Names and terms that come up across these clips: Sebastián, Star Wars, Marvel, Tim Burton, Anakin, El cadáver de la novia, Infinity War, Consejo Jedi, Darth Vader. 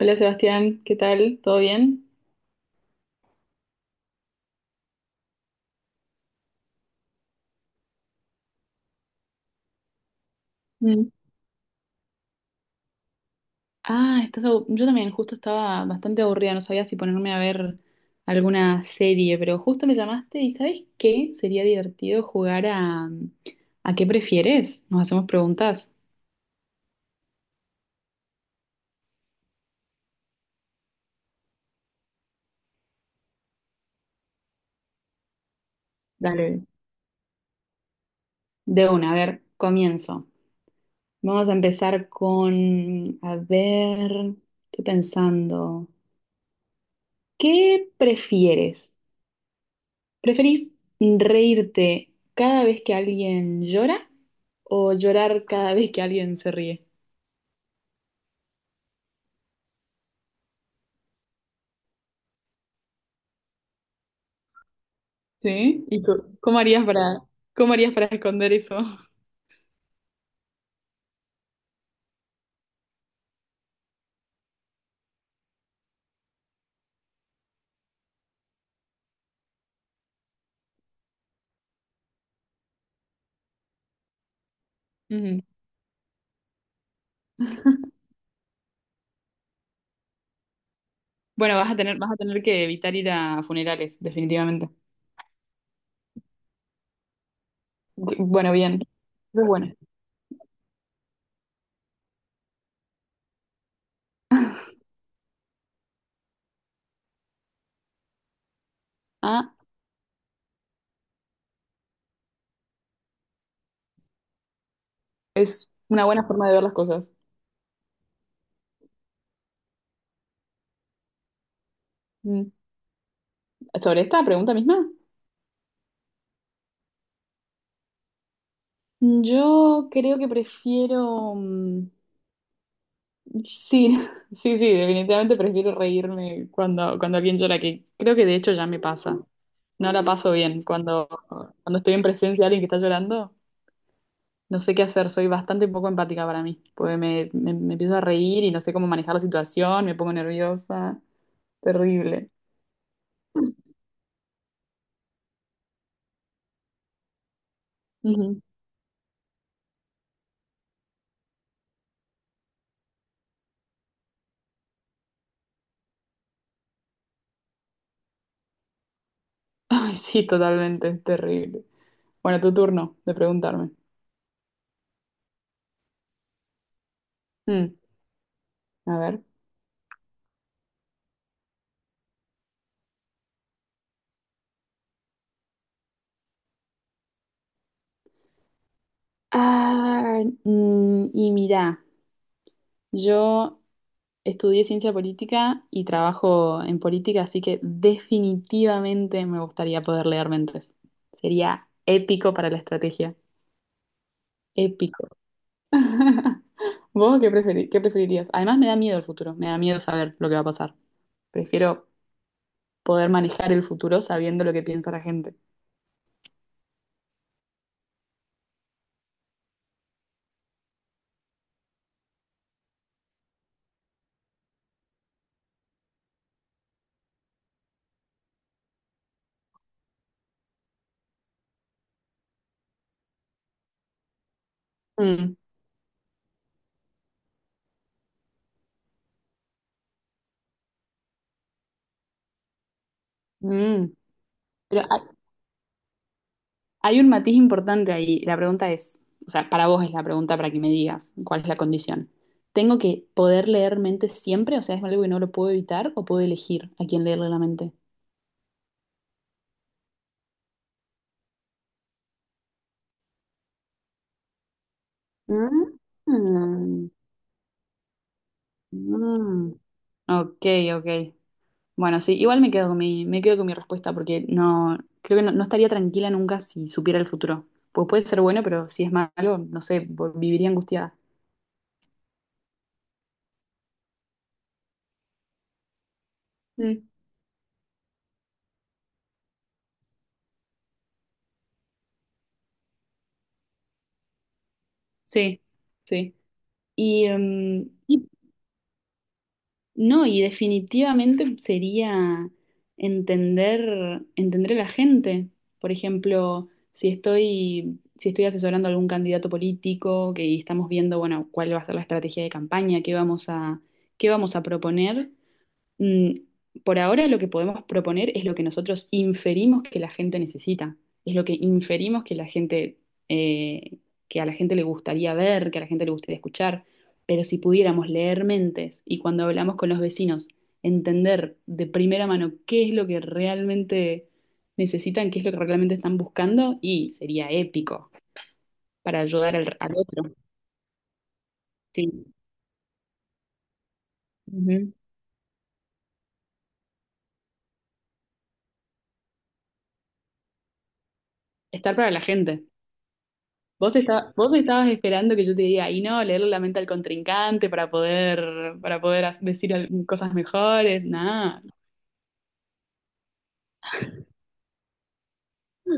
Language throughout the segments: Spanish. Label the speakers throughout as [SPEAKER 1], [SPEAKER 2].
[SPEAKER 1] Hola Sebastián, ¿qué tal? ¿Todo bien? Mm. Ah, yo también, justo estaba bastante aburrida, no sabía si ponerme a ver alguna serie, pero justo me llamaste y ¿sabes qué? Sería divertido jugar ¿a qué prefieres? Nos hacemos preguntas. Dale. De una, a ver, comienzo. Vamos a empezar con, a ver, estoy pensando, ¿qué prefieres? ¿Preferís reírte cada vez que alguien llora o llorar cada vez que alguien se ríe? ¿Sí? ¿Y cómo harías para esconder eso? Ujú. Bueno, vas a tener que evitar ir a funerales, definitivamente. Bueno, bien. Eso es bueno. Ah, es una buena forma de ver las cosas. Mm. ¿Sobre esta pregunta misma? Yo creo que prefiero. Sí, sí, sí, definitivamente prefiero reírme cuando, cuando alguien llora, que creo que de hecho ya me pasa. No la paso bien. Cuando, cuando estoy en presencia de alguien que está llorando, no sé qué hacer, soy bastante poco empática para mí, porque me empiezo a reír y no sé cómo manejar la situación, me pongo nerviosa, terrible. Ujú. Ay, sí, totalmente, es terrible. Bueno, tu turno de preguntarme. Mm, a ver. Ah, y mira, yo... Estudié ciencia política y trabajo en política, así que definitivamente me gustaría poder leer mentes. Sería épico para la estrategia. Épico. ¿Vos qué qué preferirías? Además me da miedo el futuro, me da miedo saber lo que va a pasar. Prefiero poder manejar el futuro sabiendo lo que piensa la gente. Mm, mm. Pero, ah, hay un matiz importante ahí. La pregunta es, o sea, para vos es la pregunta para que me digas cuál es la condición. ¿Tengo que poder leer mentes siempre? O sea, ¿es algo que no lo puedo evitar o puedo elegir a quién leerle la mente? Mm, mm. Ok, ok. Bueno, sí, igual me quedo con mi, me quedo con mi respuesta porque no, creo que no, no estaría tranquila nunca si supiera el futuro. Pues puede ser bueno, pero si es malo, no sé, viviría angustiada. Mm, sí, sí. Y, y no, y definitivamente sería entender, entender a la gente. Por ejemplo, si estoy, si estoy asesorando a algún candidato político que y estamos viendo, bueno, cuál va a ser la estrategia de campaña, qué vamos a proponer, Mm, por ahora lo que podemos proponer es lo que nosotros inferimos que la gente necesita, es lo que inferimos que la gente, eh, que a la gente le gustaría ver, que a la gente le gustaría escuchar. Pero si pudiéramos leer mentes y cuando hablamos con los vecinos, entender de primera mano qué es lo que realmente necesitan, qué es lo que realmente están buscando, y sería épico para ayudar al, al otro. Sí. Ujú. Estar para la gente. Vos, vos estabas esperando que yo te diga, y no, leer la mente al contrincante para poder decir cosas mejores, nada.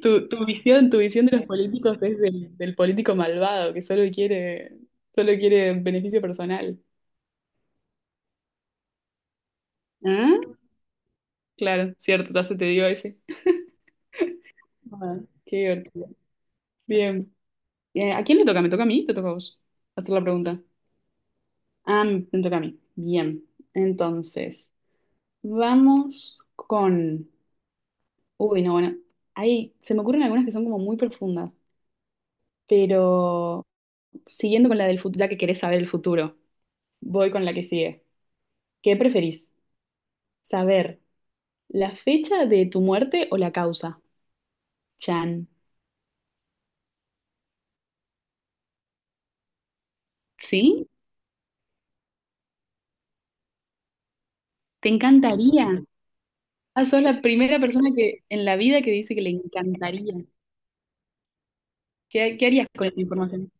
[SPEAKER 1] Tu, tu visión de los políticos es del, del político malvado que solo quiere beneficio personal. ¿Ah? Claro, cierto, ya se te dio ese. Ah, qué divertido. Bien. ¿A quién le toca? ¿Me toca a mí? ¿Te toca a vos? Hacer la pregunta. Ah, me toca a mí. Bien. Entonces, vamos con. Uy, no, bueno, ahí se me ocurren algunas que son como muy profundas, pero siguiendo con la del futuro, ya que querés saber el futuro, voy con la que sigue. ¿Qué preferís? ¿Saber la fecha de tu muerte o la causa? Chan. ¿Sí? ¿Te encantaría? Ah, sos la primera persona que en la vida que dice que le encantaría. ¿Qué, qué harías con esa información?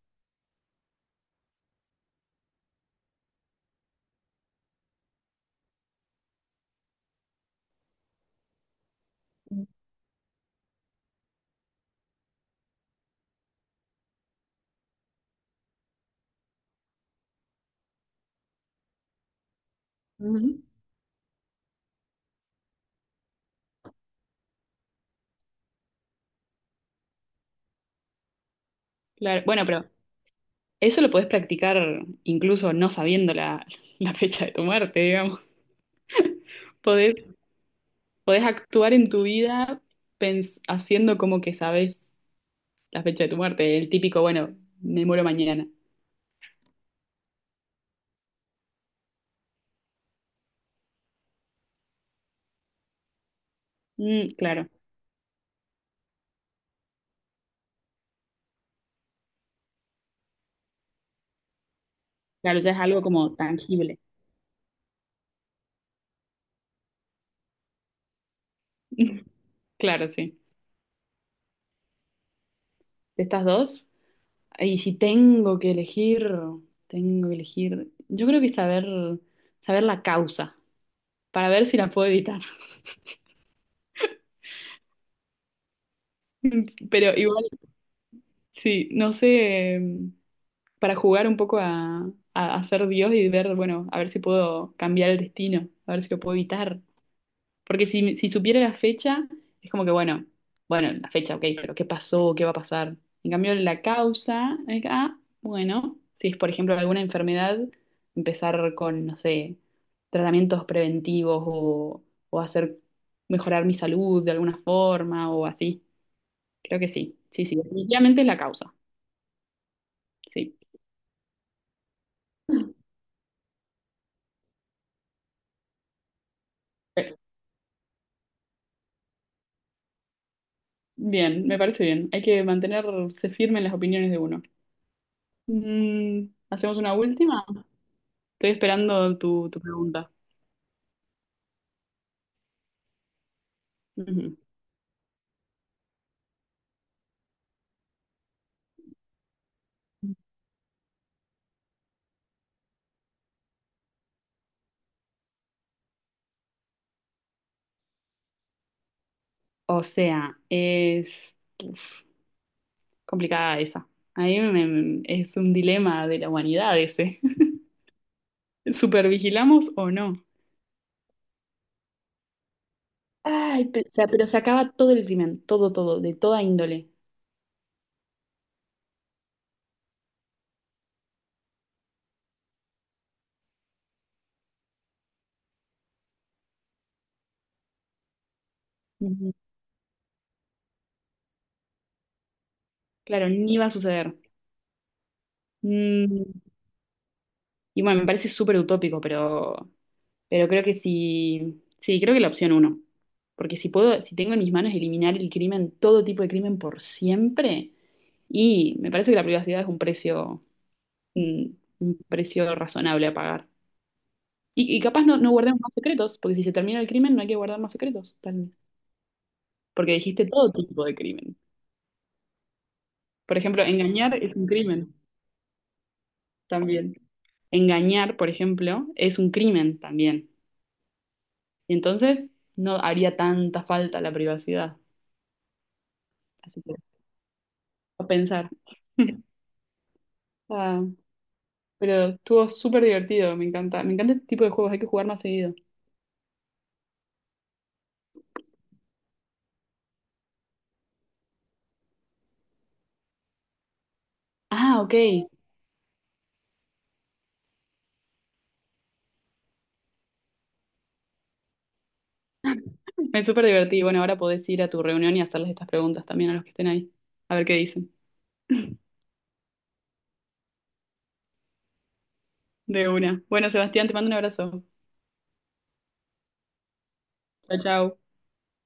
[SPEAKER 1] Ujú. Claro, bueno, pero eso lo podés practicar incluso no sabiendo la, la fecha de tu muerte, digamos. Podés podés actuar en tu vida haciendo como que sabes la fecha de tu muerte, el típico, bueno, me muero mañana. Mm, claro, claro, ya es algo como tangible. Claro, sí. De estas dos. Y si tengo que elegir, tengo que elegir. Yo creo que saber, saber la causa, para ver si la puedo evitar. Pero igual, sí, no sé, para jugar un poco a, a ser Dios y ver, bueno, a ver si puedo cambiar el destino, a ver si lo puedo evitar. Porque si, si supiera la fecha, es como que, bueno, bueno, la fecha, ok, pero ¿qué pasó? ¿Qué va a pasar? En cambio, la causa es, ah, bueno, si es, por ejemplo, alguna enfermedad, empezar con, no sé, tratamientos preventivos o hacer mejorar mi salud de alguna forma o así. Creo que sí, sí, sí, definitivamente es la causa, sí. Eh, Bien, me parece bien. Hay que mantenerse firme en las opiniones de uno. Mm, ¿hacemos una última? Estoy esperando tu, tu pregunta. Ujú. O sea, es uf, complicada esa. A mí es un dilema de la humanidad ese. ¿Supervigilamos o no? Ay, o sea, pero se acaba todo el crimen, todo, todo, de toda índole. Ujú. Claro, ni va a suceder. Mm, y bueno, me parece súper utópico, pero creo que sí, sí, creo que la opción uno. Porque si puedo, si tengo en mis manos eliminar el crimen, todo tipo de crimen por siempre, y me parece que la privacidad es un precio razonable a pagar. Y capaz no, no guardemos más secretos, porque si se termina el crimen no hay que guardar más secretos, tal vez. Porque dijiste todo tipo de crimen. Por ejemplo, engañar es un crimen también. Engañar, por ejemplo, es un crimen también. Y entonces no haría tanta falta la privacidad. Así que a pensar. Ah, pero estuvo súper divertido, me encanta. Me encanta este tipo de juegos, hay que jugar más seguido. Ah, ok. Me súper divertí. Bueno, ahora podés ir a tu reunión y hacerles estas preguntas también a los que estén ahí. A ver qué dicen. De una. Bueno, Sebastián, te mando un abrazo. Chao, chao.